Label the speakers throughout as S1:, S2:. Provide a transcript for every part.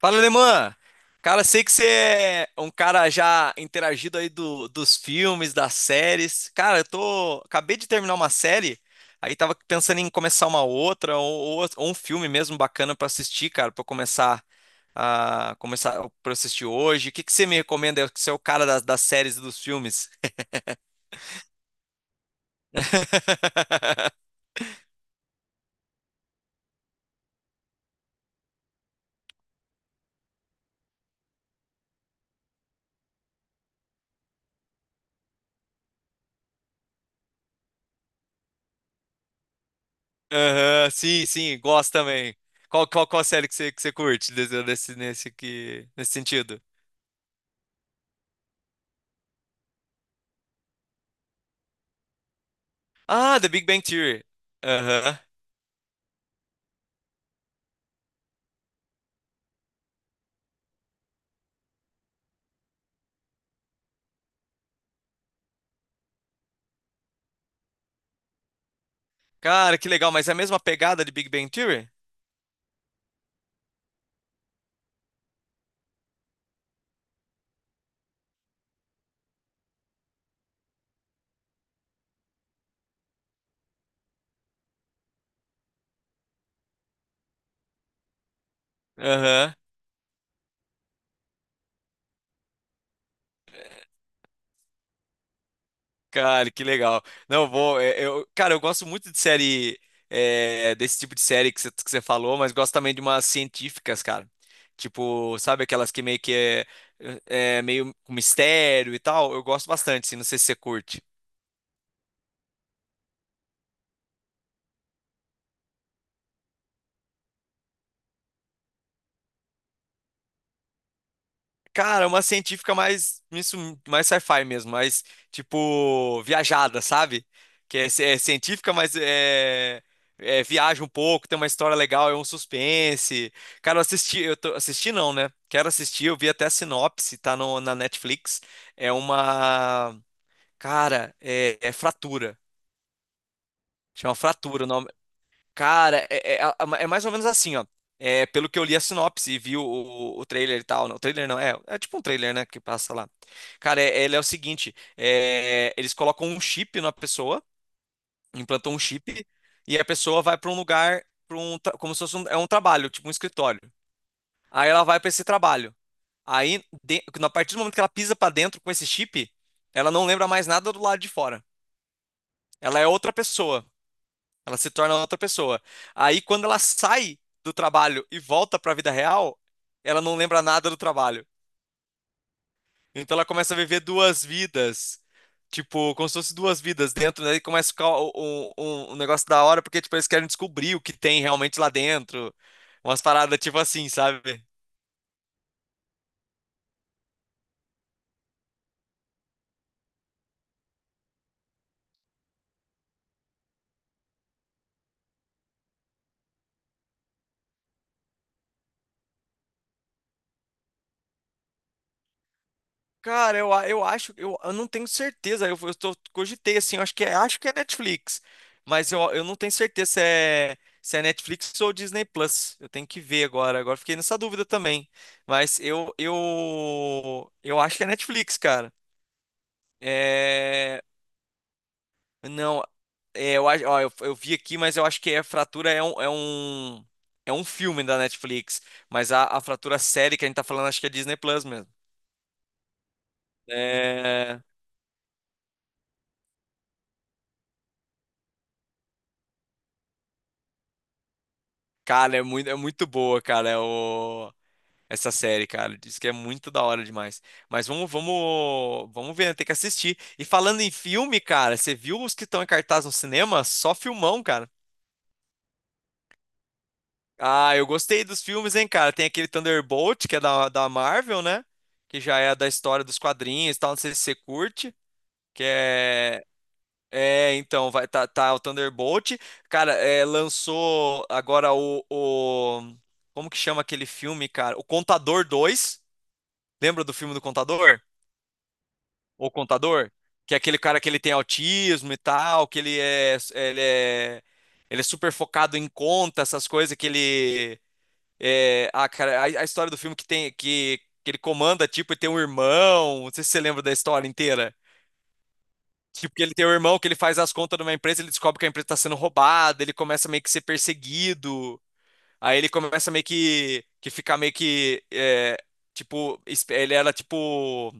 S1: Fala, Alemã! Cara, sei que você é um cara já interagido aí dos filmes, das séries. Cara, eu tô. Acabei de terminar uma série, aí tava pensando em começar uma outra, ou um filme mesmo bacana pra assistir, cara, pra eu começar a começar pra eu assistir hoje. O que que você me recomenda? Você é o cara das séries e dos filmes. Aham, sim, sim, gosto também. Qual série que você curte nesse sentido? Ah, The Big Bang Theory. Aham. Cara, que legal, mas é a mesma pegada de Big Bang Theory? Aham. Cara, que legal. Não, vou. Eu, cara, eu gosto muito de série. Desse tipo de série que você falou, mas gosto também de umas científicas, cara. Tipo, sabe aquelas que meio que é, é é meio com mistério e tal? Eu gosto bastante, assim, não sei se você curte. Cara, uma científica mais, isso, mais sci-fi mesmo, mais, tipo, viajada, sabe? É científica, viaja um pouco, tem uma história legal, é um suspense. Cara, eu assisti, eu tô, assisti não, né? Quero assistir, eu vi até a sinopse, tá no, na Netflix. É uma, É Fratura. Chama Fratura. Cara, é mais ou menos assim, ó. É, pelo que eu li a sinopse e vi o trailer e tal. Não, o trailer não, é tipo um trailer, né, que passa lá. Cara, ele é o seguinte: eles colocam um chip na pessoa, implantam um chip, e a pessoa vai pra um lugar, como se fosse é um trabalho, tipo um escritório. Aí ela vai pra esse trabalho. A partir do momento que ela pisa pra dentro com esse chip, ela não lembra mais nada do lado de fora. Ela é outra pessoa. Ela se torna outra pessoa. Aí, quando ela sai do trabalho e volta para a vida real, ela não lembra nada do trabalho. Então, ela começa a viver duas vidas. Tipo, como se fosse duas vidas dentro, daí começa a ficar um negócio da hora, porque, tipo, eles querem descobrir o que tem realmente lá dentro. Umas paradas, tipo assim, sabe? Cara, eu acho, eu não tenho certeza. Cogitei assim, eu acho que é Netflix, mas eu não tenho certeza se é Netflix ou Disney Plus. Eu tenho que ver agora. Agora fiquei nessa dúvida também. Mas eu acho que é Netflix, cara. É, não, ó, eu vi aqui, mas eu acho que é Fratura é um, é um filme da Netflix. Mas a Fratura série que a gente tá falando, acho que é Disney Plus mesmo. É. Cara, é muito boa, cara, é o... essa série, cara. Diz que é muito da hora demais. Mas vamos ver, né? Tem que assistir. E falando em filme, cara, você viu os que estão em cartaz no cinema? Só filmão, cara. Ah, eu gostei dos filmes, hein, cara. Tem aquele Thunderbolt, que é da Marvel, né? Que já é da história dos quadrinhos e tal. Não sei se você curte. Que é É, então, tá o Thunderbolt. Cara, é, lançou agora Como que chama aquele filme, cara? O Contador dois. Lembra do filme do Contador? O Contador? Que é aquele cara que ele tem autismo e tal, que ele é. Ele é, ele é super focado em conta, essas coisas que ele. É, ah, cara, a história do filme que tem. Que ele comanda, tipo, e tem um irmão. Não sei se você lembra da história inteira. Tipo, que ele tem um irmão que ele faz as contas numa empresa, ele descobre que a empresa está sendo roubada, ele começa meio que ser perseguido, aí ele começa meio que ficar meio que, é, tipo, ele era tipo,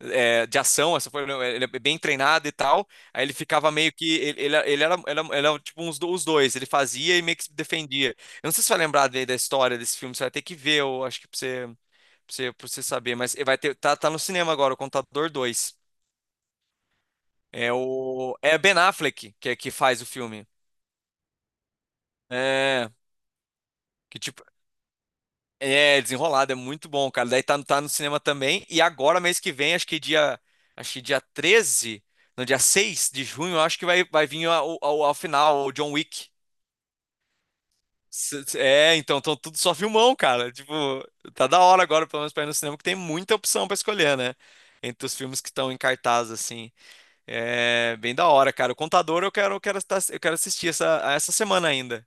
S1: é, de ação, essa foi, né, ele é bem treinado e tal, aí ele ficava meio que, ele era, tipo uns, os dois, ele fazia e meio que se defendia. Eu não sei se você vai lembrar da história desse filme, você vai ter que ver, eu acho que pra você saber, mas vai ter, tá no cinema agora, o Contador dois é o. É Ben Affleck que faz o filme. É. Que tipo. É, desenrolado, é muito bom, cara. Daí tá no cinema também. E agora, mês que vem, acho que dia. Acho que dia 13 No dia 6 de junho, eu acho que vai, vai vir ao final o John Wick. É, então, tão tudo só filmão, cara. Tipo, tá da hora agora, pelo menos pra ir no cinema, que tem muita opção pra escolher, né? Entre os filmes que estão em cartaz, assim. É bem da hora, cara. O Contador eu quero, eu quero assistir essa, essa semana ainda.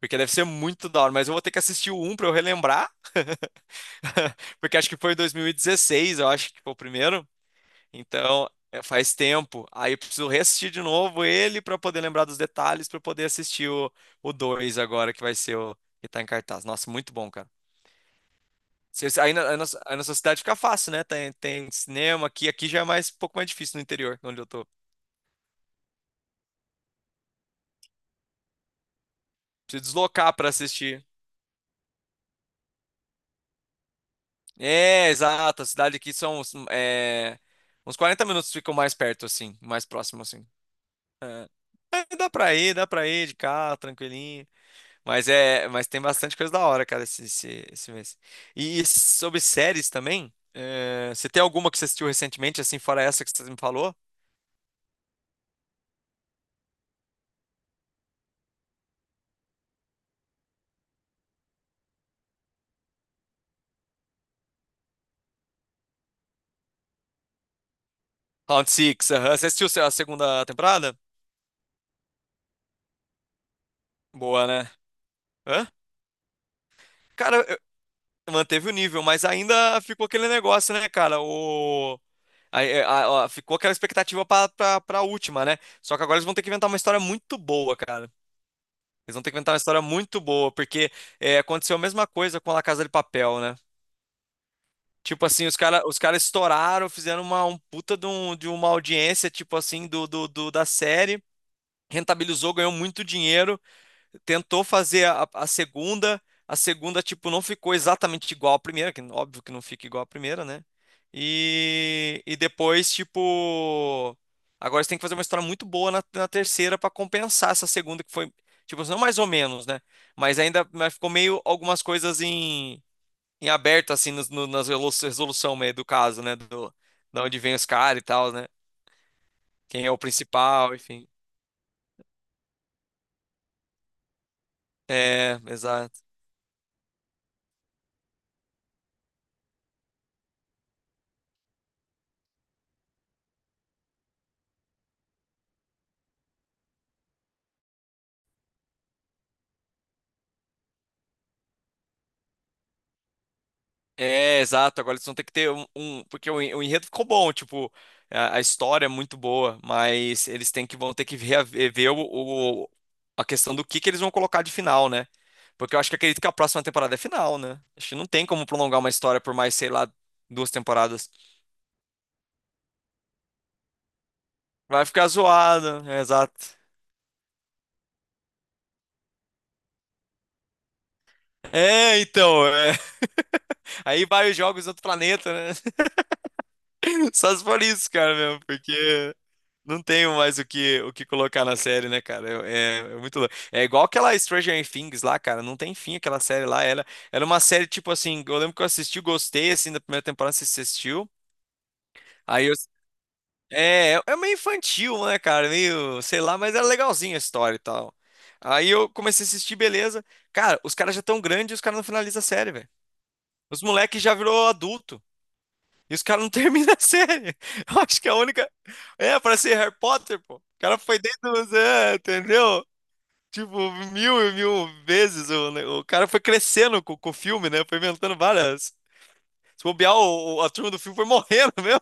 S1: Porque deve ser muito da hora, mas eu vou ter que assistir o um pra eu relembrar, porque acho que foi em 2016, eu acho que foi o primeiro. Então, é, faz tempo. Aí eu preciso reassistir de novo ele pra poder lembrar dos detalhes, pra eu poder assistir o 2 agora, que vai ser o que tá em cartaz. Nossa, muito bom, cara. Aí aí na sua cidade fica fácil, né? Tem cinema aqui, aqui já é mais, um pouco mais difícil no interior, onde eu tô. Preciso deslocar pra assistir. É, exato. A cidade aqui são é, uns 40 minutos ficam mais perto, assim, mais próximo, assim. É. É, dá pra ir de carro, tranquilinho. Mas tem bastante coisa da hora, cara, esse mês. E sobre séries também, é, você tem alguma que você assistiu recentemente, assim, fora essa que você me falou? Round Six, aham. Você assistiu a segunda temporada? Boa, né? Hã? Cara, eu- manteve o nível, mas ainda ficou aquele negócio, né, cara? O... a- ficou aquela expectativa pra última, né? Só que agora eles vão ter que inventar uma história muito boa, cara. Eles vão ter que inventar uma história muito boa, porque é, aconteceu a mesma coisa com a La Casa de Papel, né? Tipo assim, os cara estouraram, fizeram uma um puta de uma audiência, tipo assim, da série, rentabilizou, ganhou muito dinheiro, tentou fazer a segunda, tipo, não ficou exatamente igual à primeira, que óbvio que não fica igual à primeira, né? E depois, tipo, agora você tem que fazer uma história muito boa na terceira para compensar essa segunda que foi, tipo, não mais ou menos, né? Mas ainda mas ficou meio algumas coisas em aberto, assim, nos- no, nas relo- resolução meio do caso, né? Do, da onde vem os caras e tal, né? Quem é o principal, enfim. É, exato. É, exato. Agora eles vão ter que ter porque o enredo ficou bom, tipo, a história é muito boa, mas eles têm que vão ter que ver, o, o- a questão do que eles vão colocar de final, né? Porque eu acho que acredito que a próxima temporada é final, né? Acho que não tem como prolongar uma história por mais, sei lá, duas temporadas. Vai ficar zoado, é, exato. É, então, é. Aí vai os jogos do outro planeta, né? Só se for isso, cara, mesmo, porque não tenho mais o que colocar na série, né, cara? É muito louco. É igual aquela Stranger Things lá, cara. Não tem fim aquela série lá. Era, era uma série, tipo assim, eu lembro que eu assisti, gostei, assim, da primeira temporada, você assistiu. Aí eu. É meio infantil, né, cara? Meio, sei lá, mas era legalzinha a história e tal. Aí eu comecei a assistir, beleza. Cara, os caras já tão grandes e os caras não finalizam a série, velho. Os moleques já virou adulto. E os caras não terminam a série. Eu acho que a única. É, pra ser Harry Potter, pô. O cara foi desde os É, entendeu? Tipo, mil e mil vezes. O cara foi crescendo com o filme, né? Foi inventando várias. Se bobear, a turma do filme foi morrendo mesmo.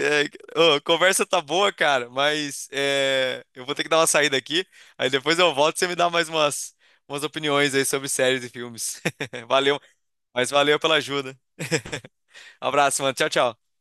S1: É, ô, a conversa tá boa, cara, mas é, eu vou ter que dar uma saída aqui. Aí depois eu volto e você me dá mais umas, umas opiniões aí sobre séries e filmes. Valeu, mas valeu pela ajuda. Abraço, mano. Tchau, tchau.